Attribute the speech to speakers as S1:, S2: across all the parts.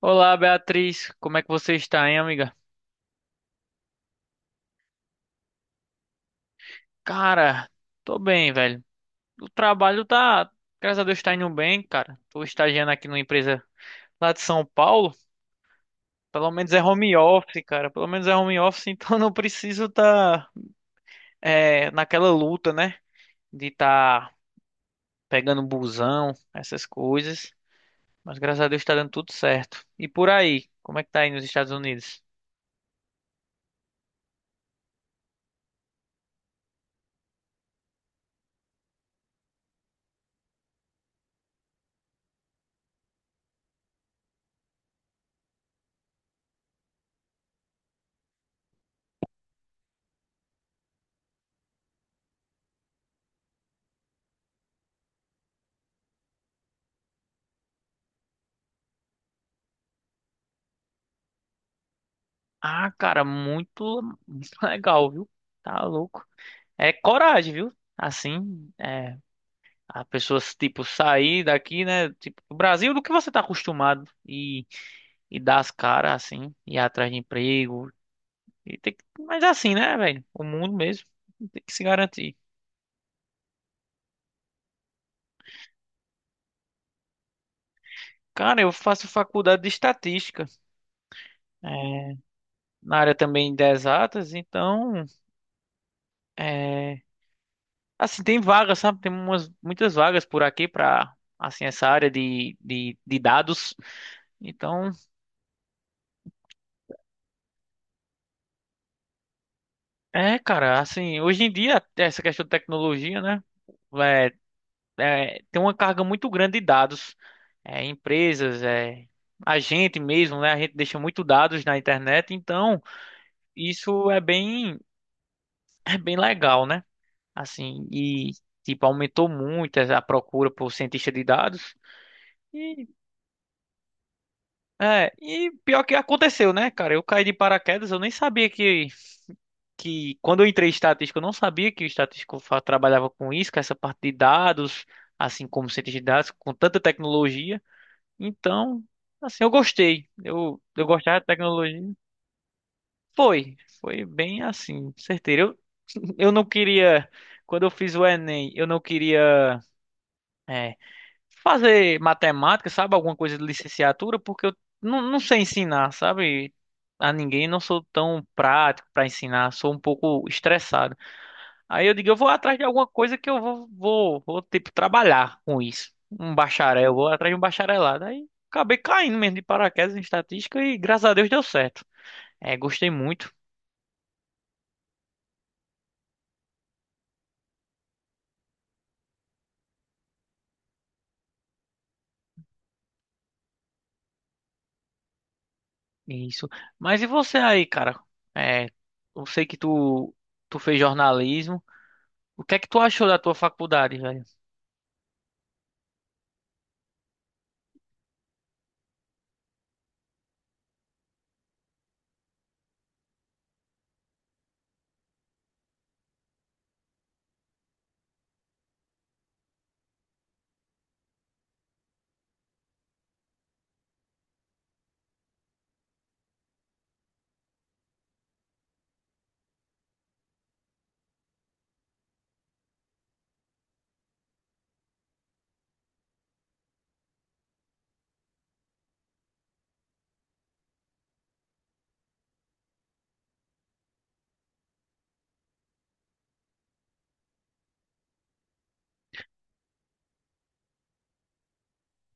S1: Olá, Beatriz. Como é que você está, hein, amiga? Cara, tô bem, velho. O trabalho tá, graças a Deus, tá indo bem, cara. Tô estagiando aqui numa empresa lá de São Paulo. Pelo menos é home office, cara. Pelo menos é home office, então não preciso tá, naquela luta, né? De tá pegando busão, essas coisas. Mas graças a Deus tá dando tudo certo. E por aí, como é que tá aí nos Estados Unidos? Ah, cara, muito legal, viu? Tá louco. É coragem, viu? Assim, a pessoa, tipo, sair daqui, né? Tipo, do Brasil, do que você tá acostumado e dar as caras, assim, ir atrás de emprego. E tem que, mas é assim, né, velho? O mundo mesmo tem que se garantir. Cara, eu faço faculdade de estatística, é, na área também de exatas, então, é, assim, tem vagas, sabe? Tem umas, muitas vagas por aqui pra, assim, essa área de dados. Então. É, cara, assim, hoje em dia, essa questão de tecnologia, né? É, é, tem uma carga muito grande de dados. É, empresas, é, a gente mesmo, né? A gente deixa muito dados na internet, então isso é bem legal, né? Assim, e tipo, aumentou muito a procura por cientista de dados. E, é, e pior que aconteceu, né, cara? Eu caí de paraquedas, eu nem sabia que quando eu entrei em estatística, eu não sabia que o estatístico trabalhava com isso, com essa parte de dados, assim como cientista de dados, com tanta tecnologia. Então, assim, eu gostei. Eu gostava de tecnologia. Foi, foi bem assim, certeiro. Eu não queria, quando eu fiz o Enem, eu não queria é, fazer matemática, sabe? Alguma coisa de licenciatura, porque eu não, não sei ensinar, sabe? A ninguém, não sou tão prático para ensinar, sou um pouco estressado. Aí eu digo, eu vou atrás de alguma coisa que eu vou tipo, trabalhar com isso. Um bacharel, eu vou atrás de um bacharelado. Aí acabei caindo mesmo de paraquedas em estatística e graças a Deus deu certo. É, gostei muito isso. Mas e você aí, cara? É, eu sei que tu, tu fez jornalismo. O que é que tu achou da tua faculdade, velho?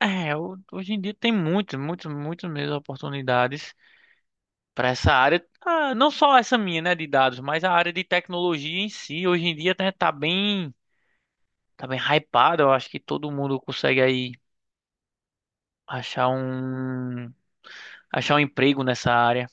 S1: É, hoje em dia tem muitas, muitas, muitas mesmo oportunidades para essa área. Ah, não só essa minha, né, de dados, mas a área de tecnologia em si, hoje em dia, né, tá bem hypado. Eu acho que todo mundo consegue aí achar um achar um emprego nessa área.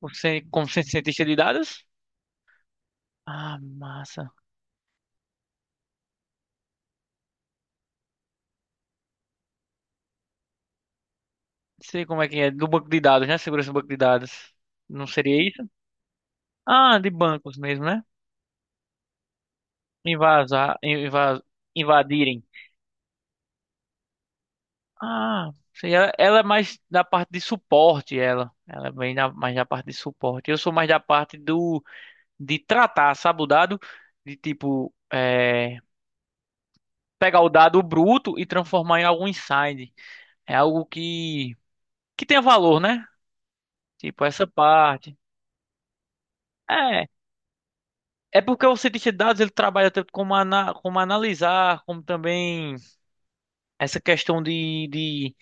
S1: Você, como cientista de dados? Ah, massa. Não sei como é que é. Do banco de dados, né? Segurança do banco de dados. Não seria isso? Ah, de bancos mesmo, né? Invasar, invas, invadirem. Ah, seria, ela é mais da parte de suporte, ela. Ela é bem mais da parte de suporte. Eu sou mais da parte do de tratar, sabe, o dado? De tipo, pegar o dado bruto e transformar em algum insight. É algo que tenha valor, né? Tipo, essa parte. É. É porque o cientista de dados ele trabalha tanto como, ana, como analisar, como também essa questão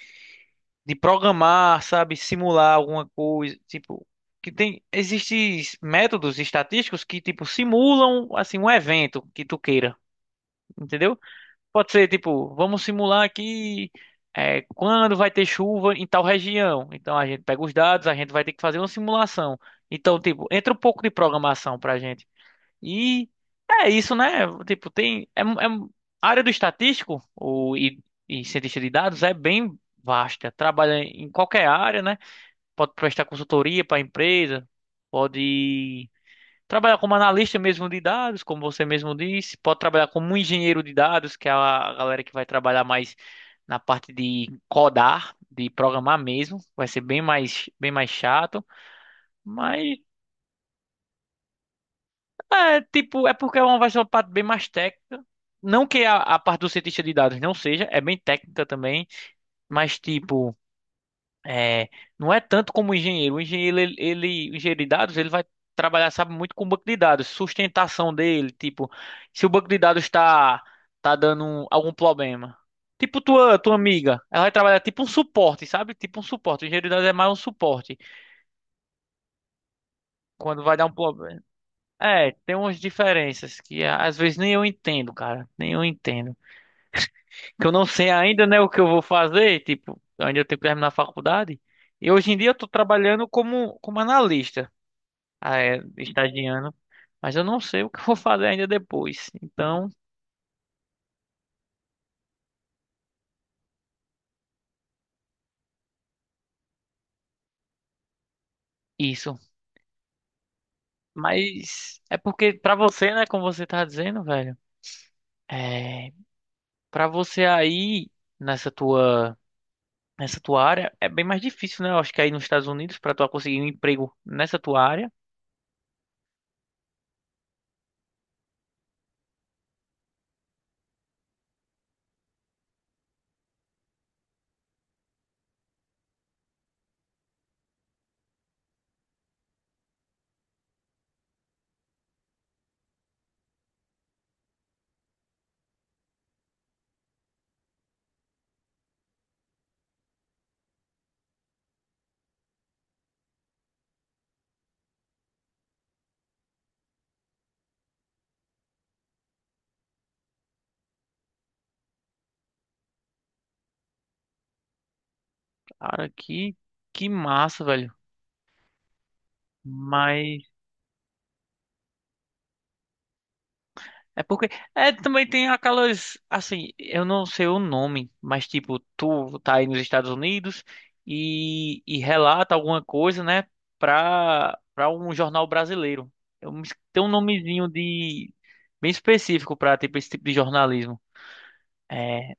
S1: de programar, sabe? Simular alguma coisa. Tipo, que tem. Existem métodos estatísticos que, tipo, simulam assim, um evento que tu queira. Entendeu? Pode ser, tipo, vamos simular aqui quando vai ter chuva em tal região. Então a gente pega os dados, a gente vai ter que fazer uma simulação. Então, tipo, entra um pouco de programação pra gente. E é isso, né? Tipo, tem. A área do estatístico e cientista de dados é bem vasta. Trabalha em qualquer área, né? Pode prestar consultoria para empresa, pode. Trabalhar como analista mesmo de dados, como você mesmo disse, pode trabalhar como um engenheiro de dados, que é a galera que vai trabalhar mais na parte de codar, de programar mesmo, vai ser bem mais chato, mas é tipo, é porque é uma vai ser uma parte bem mais técnica. Não que a parte do cientista de dados não seja, é bem técnica também, mas tipo, é, não é tanto como o engenheiro. O engenheiro, o engenheiro de dados, ele vai trabalhar, sabe, muito com o banco de dados, sustentação dele, tipo, se o banco de dados está tá dando algum problema. Tipo tua, tua amiga, ela vai trabalhar tipo um suporte, sabe? Tipo um suporte. O engenheiro de dados é mais um suporte. Quando vai dar um problema. É, tem umas diferenças que às vezes nem eu entendo, cara. Nem eu entendo. Que eu não sei ainda, né, o que eu vou fazer, tipo, eu ainda tenho que terminar a faculdade. E hoje em dia eu tô trabalhando como, como analista. Ah, é, estagiando, mas eu não sei o que eu vou fazer ainda depois. Então, isso. Mas é porque pra você, né, como você tá dizendo, velho, é, para você aí nessa tua nessa tua área é bem mais difícil, né? Eu acho que aí nos Estados Unidos pra tu conseguir um emprego nessa tua área, cara, que massa, velho. Mas é porque é também tem aquelas assim, eu não sei o nome, mas tipo, tu tá aí nos Estados Unidos e relata alguma coisa, né, pra para um jornal brasileiro. Eu me tem um nomezinho de bem específico pra tipo esse tipo de jornalismo. É,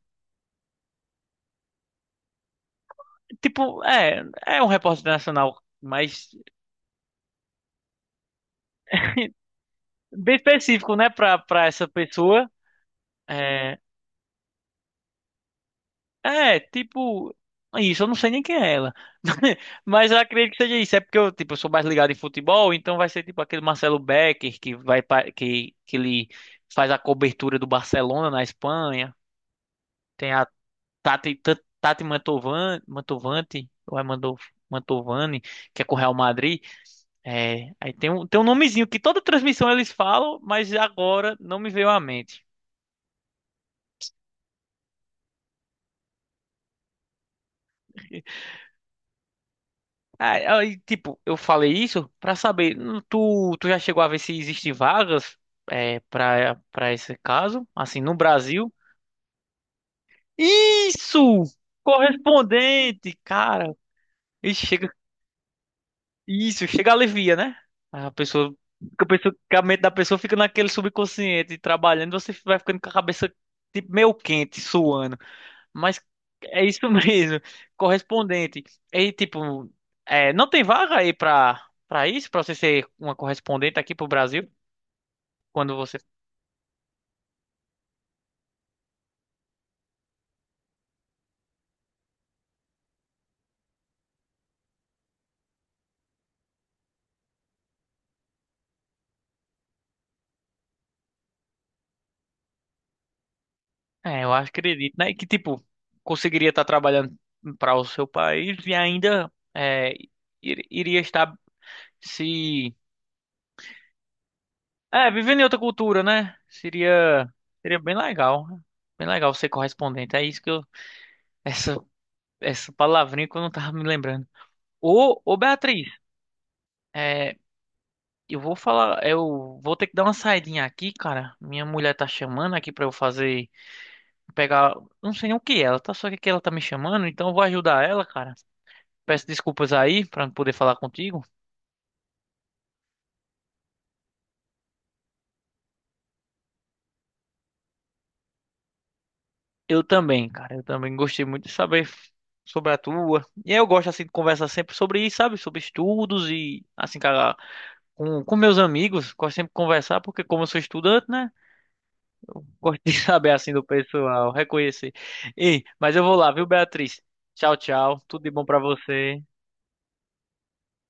S1: tipo, é um repórter nacional, mas bem específico, né, pra para essa pessoa. É, é, tipo, isso, eu não sei nem quem é ela. Mas eu acredito que seja isso. É porque eu, tipo, eu sou mais ligado em futebol, então vai ser tipo aquele Marcelo Becker que vai que ele faz a cobertura do Barcelona na Espanha. Tem a Tati Mantovani, Mantovani, ou é Mantovani, que é com o Real Madrid. É, aí tem um nomezinho que toda transmissão eles falam, mas agora não me veio à mente. Aí, aí, tipo, eu falei isso pra saber, tu, tu já chegou a ver se existem vagas é, para esse caso, assim, no Brasil? Isso! Correspondente, cara. E chega, isso, chega alivia, né? A pessoa, fica pensando que a mente da pessoa fica naquele subconsciente trabalhando, você vai ficando com a cabeça tipo meio quente, suando. Mas é isso mesmo. Correspondente. E tipo, é, não tem vaga aí pra isso? Pra você ser uma correspondente aqui pro Brasil? Quando você. É, eu acredito, né? Que tipo, conseguiria estar trabalhando para o seu país e ainda é, iria estar se. É, vivendo em outra cultura, né? Seria, seria bem legal. Bem legal ser correspondente. É isso que eu. Essa, essa palavrinha que eu não tava me lembrando. Ô, ô Beatriz. é, Eu vou falar, eu vou ter que dar uma saidinha aqui, cara. Minha mulher tá chamando aqui pra eu fazer, pegar, não sei nem o que é, ela tá só que ela tá me chamando, então eu vou ajudar ela, cara. Peço desculpas aí pra não poder falar contigo. Eu também, cara, eu também gostei muito de saber sobre a tua. E eu gosto assim de conversar sempre sobre isso, sabe? Sobre estudos e assim, cara, com meus amigos, gosto sempre de conversar porque como eu sou estudante, né? Gosto de saber assim do pessoal, reconhecer. Ei, mas eu vou lá, viu, Beatriz? Tchau, tchau. Tudo de bom pra você.